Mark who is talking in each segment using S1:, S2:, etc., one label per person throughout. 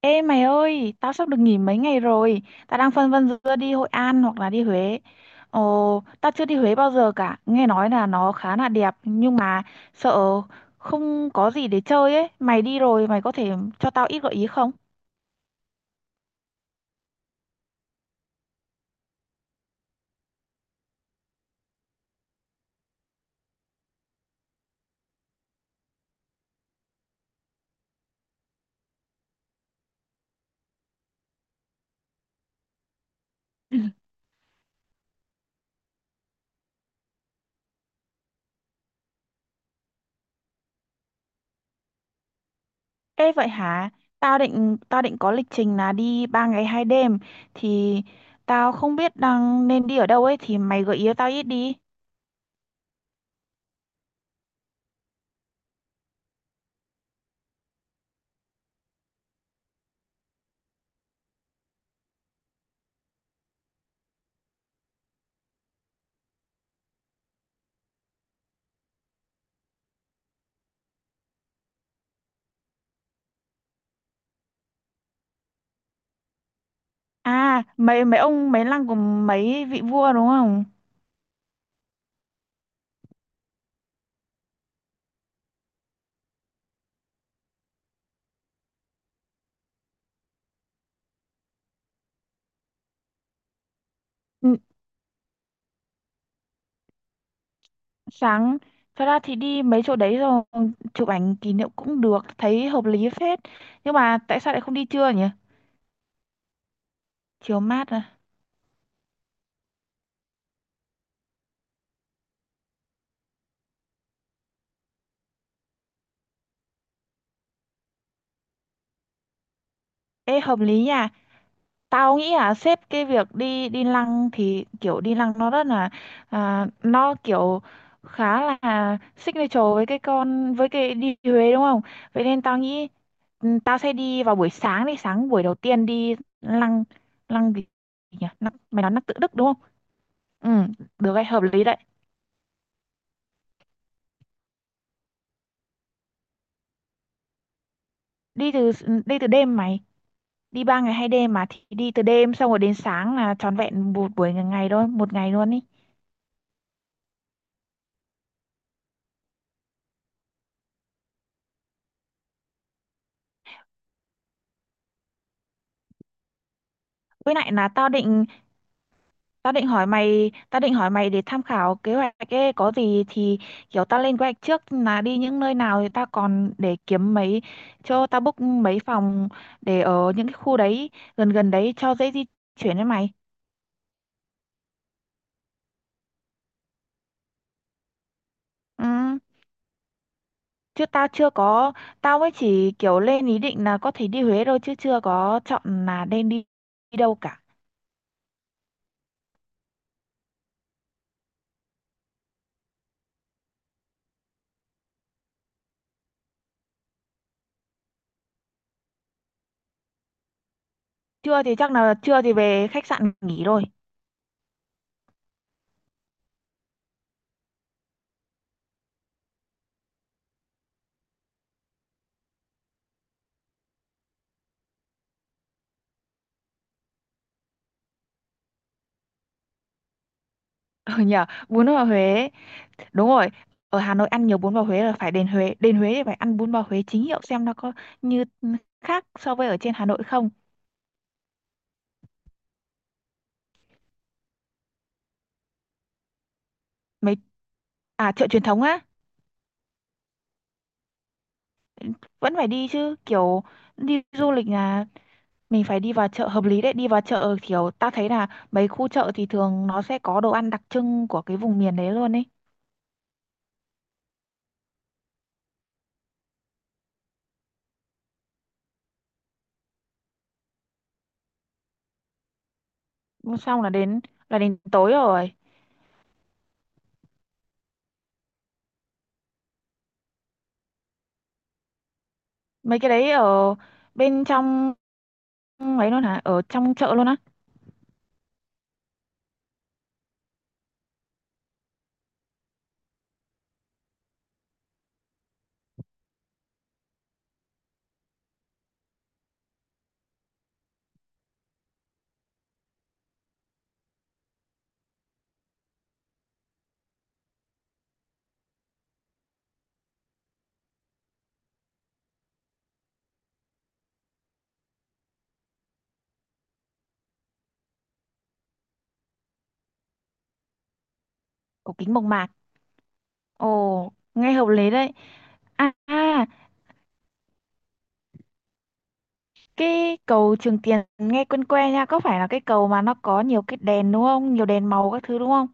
S1: Ê mày ơi, tao sắp được nghỉ mấy ngày rồi. Tao đang phân vân giữa đi Hội An hoặc là đi Huế. Ồ, tao chưa đi Huế bao giờ cả. Nghe nói là nó khá là đẹp nhưng mà sợ không có gì để chơi ấy. Mày đi rồi, mày có thể cho tao ít gợi ý không? Ê vậy hả? Tao định có lịch trình là đi 3 ngày 2 đêm thì tao không biết đang nên đi ở đâu ấy, thì mày gợi ý cho tao ít đi. À, mấy mấy ông, mấy lăng của mấy vị vua đúng không? Sáng, thật ra thì đi mấy chỗ đấy rồi chụp ảnh kỷ niệm cũng được, thấy hợp lý phết, nhưng mà tại sao lại không đi trưa nhỉ? Chiều mát à? Ê hợp lý nha. Tao nghĩ là xếp cái việc đi đi lăng, thì kiểu đi lăng nó rất là à, nó kiểu khá là signature với cái con, với cái đi Huế đúng không? Vậy nên tao nghĩ ừ, tao sẽ đi vào buổi sáng, đi sáng buổi đầu tiên đi lăng. Lăng gì nhỉ? Lăng, mày nói lăng Tự Đức đúng không? Ừ, được đấy, hợp lý đấy. Đi từ đêm mày, đi ba ngày hai đêm mà, thì đi từ đêm xong rồi đến sáng là trọn vẹn một buổi ngày ngày thôi, một ngày luôn ý. Với lại là tao định, tao định hỏi mày để tham khảo kế hoạch ấy, có gì thì kiểu tao lên kế hoạch trước là đi những nơi nào, thì tao còn để kiếm mấy, cho tao book mấy phòng để ở những cái khu đấy, gần gần đấy cho dễ di chuyển với mày. Ừ. Chứ tao chưa có, tao mới chỉ kiểu lên ý định là có thể đi Huế thôi chứ chưa có chọn là nên đi đi đâu cả. Trưa thì chắc là trưa thì về khách sạn nghỉ rồi. Ừ nhờ, bún bò Huế ấy. Đúng rồi, ở Hà Nội ăn nhiều bún bò Huế là phải đến Huế, đến Huế thì phải ăn bún bò Huế chính hiệu xem nó có như khác so với ở trên Hà Nội không. Mấy, à chợ truyền thống á. Vẫn phải đi chứ kiểu đi du lịch là mình phải đi vào chợ, hợp lý đấy. Đi vào chợ kiểu ta thấy là mấy khu chợ thì thường nó sẽ có đồ ăn đặc trưng của cái vùng miền đấy luôn ấy. Xong là đến, là đến tối rồi. Mấy cái đấy ở bên trong. Ừ, ấy luôn hả, ở trong chợ luôn á? Cổ kính mộc mạc. Ồ nghe hợp lý đấy. À à, cái cầu Trường Tiền nghe quen quen nha, có phải là cái cầu mà nó có nhiều cái đèn đúng không, nhiều đèn màu các thứ đúng không?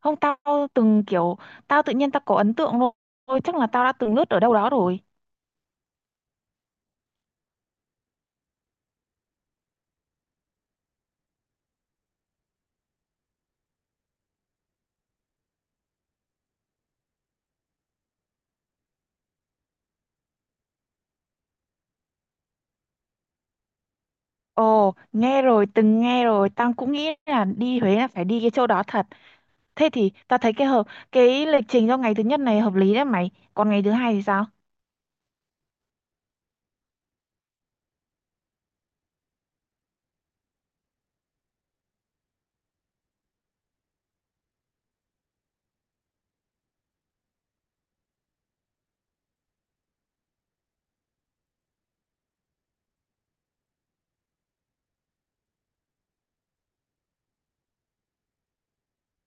S1: Không, tao từng kiểu, tao tự nhiên tao có ấn tượng luôn. Ôi, chắc là tao đã từng lướt ở đâu đó rồi. Ồ nghe rồi, từng nghe rồi, tao cũng nghĩ là đi Huế là phải đi cái chỗ đó thật. Thế thì tao thấy cái hợp, cái lịch trình cho ngày thứ nhất này hợp lý đấy mày, còn ngày thứ hai thì sao?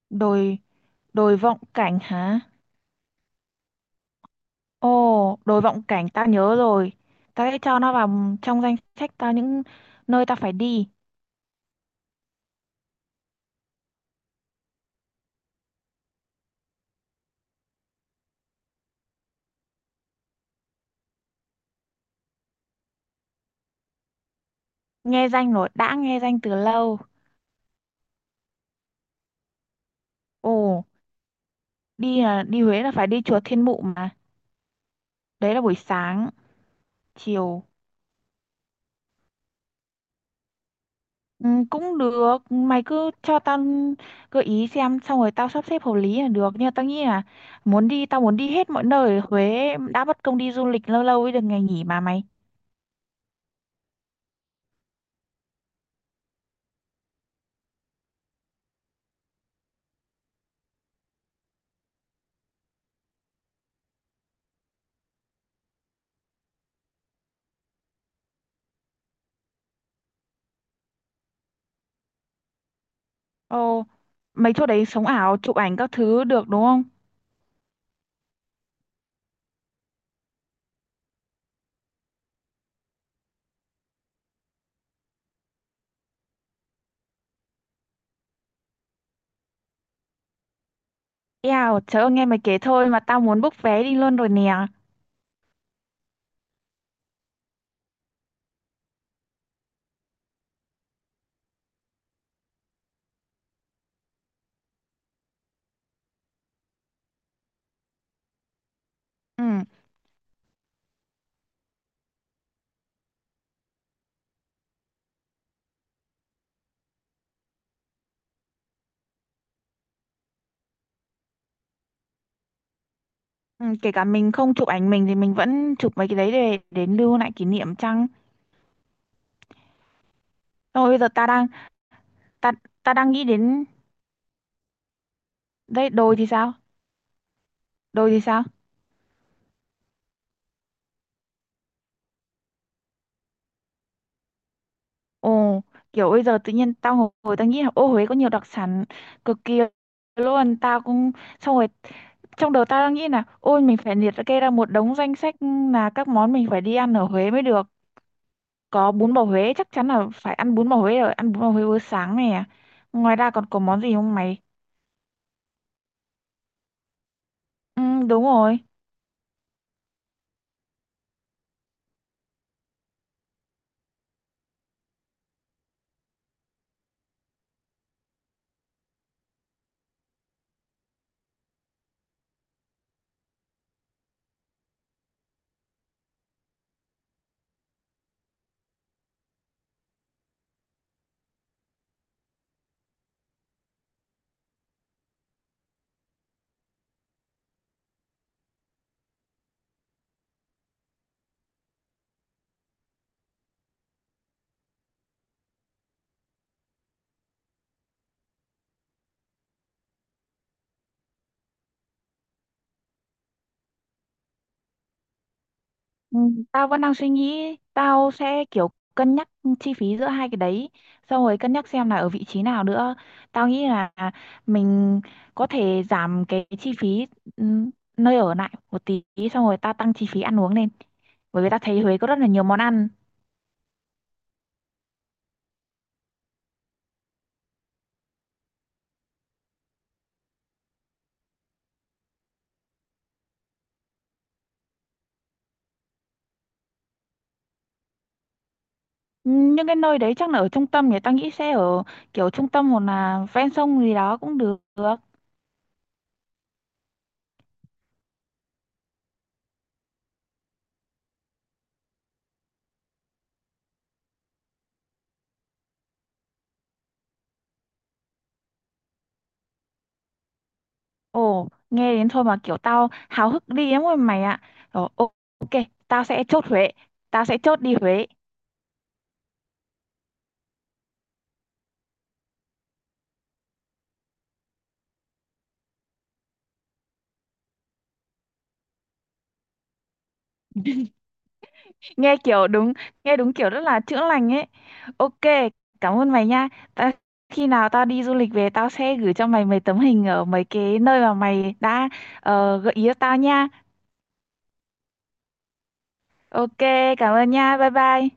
S1: Đồi, đồi Vọng Cảnh hả? Ồ, đồi Vọng Cảnh tao nhớ rồi. Tao sẽ cho nó vào trong danh sách tao những nơi tao phải đi. Nghe danh rồi, đã nghe danh từ lâu. Ồ, đi là, đi Huế là phải đi chùa Thiên Mụ mà. Đấy là buổi sáng, chiều. Ừ, cũng được, mày cứ cho tao gợi ý xem, xong rồi tao sắp xếp hợp lý là được. Nhưng mà tao nghĩ là muốn đi, tao muốn đi hết mọi nơi ở Huế đã, bất công đi du lịch lâu lâu mới được ngày nghỉ mà mày. Ồ, mấy chỗ đấy sống ảo, chụp ảnh các thứ được đúng không? Eo, trời ơi, nghe mày kể thôi mà tao muốn book vé đi luôn rồi nè. Ừ, ừ, kể cả mình không chụp ảnh mình thì mình vẫn chụp mấy cái đấy để lưu lại kỷ niệm chăng? Thôi bây giờ ta đang, ta ta đang nghĩ đến đây, đồi thì sao? Đồi thì sao? Ồ, kiểu bây giờ tự nhiên tao ngồi, ngồi tao nghĩ là ô Huế có nhiều đặc sản cực kỳ luôn, tao cũng, xong rồi trong đầu tao đang nghĩ là ôi mình phải liệt kê ra một đống danh sách là các món mình phải đi ăn ở Huế mới được. Có bún bò Huế, chắc chắn là phải ăn bún bò Huế rồi, ăn bún bò Huế bữa sáng này à. Ngoài ra còn có món gì không mày? Ừ, đúng rồi. Ừ, tao vẫn đang suy nghĩ, tao sẽ kiểu cân nhắc chi phí giữa hai cái đấy, xong rồi cân nhắc xem là ở vị trí nào nữa. Tao nghĩ là mình có thể giảm cái chi phí ừ, nơi ở lại một tí, xong rồi tao tăng chi phí ăn uống lên. Bởi vì tao thấy Huế có rất là nhiều món ăn. Ừ, những cái nơi đấy chắc là ở trung tâm, thì tao nghĩ sẽ ở kiểu trung tâm hoặc là ven sông gì đó cũng được. Ồ, nghe đến thôi mà kiểu tao háo hức đi lắm rồi mày ạ. Ờ, ô- ok, tao sẽ chốt Huế. Tao sẽ chốt đi Huế. Nghe kiểu đúng, nghe đúng kiểu rất là chữa lành ấy. Ok, cảm ơn mày nha. Ta, khi nào tao đi du lịch về tao sẽ gửi cho mày mấy tấm hình ở mấy cái nơi mà mày đã gợi ý cho tao nha. Ok, cảm ơn nha. Bye bye.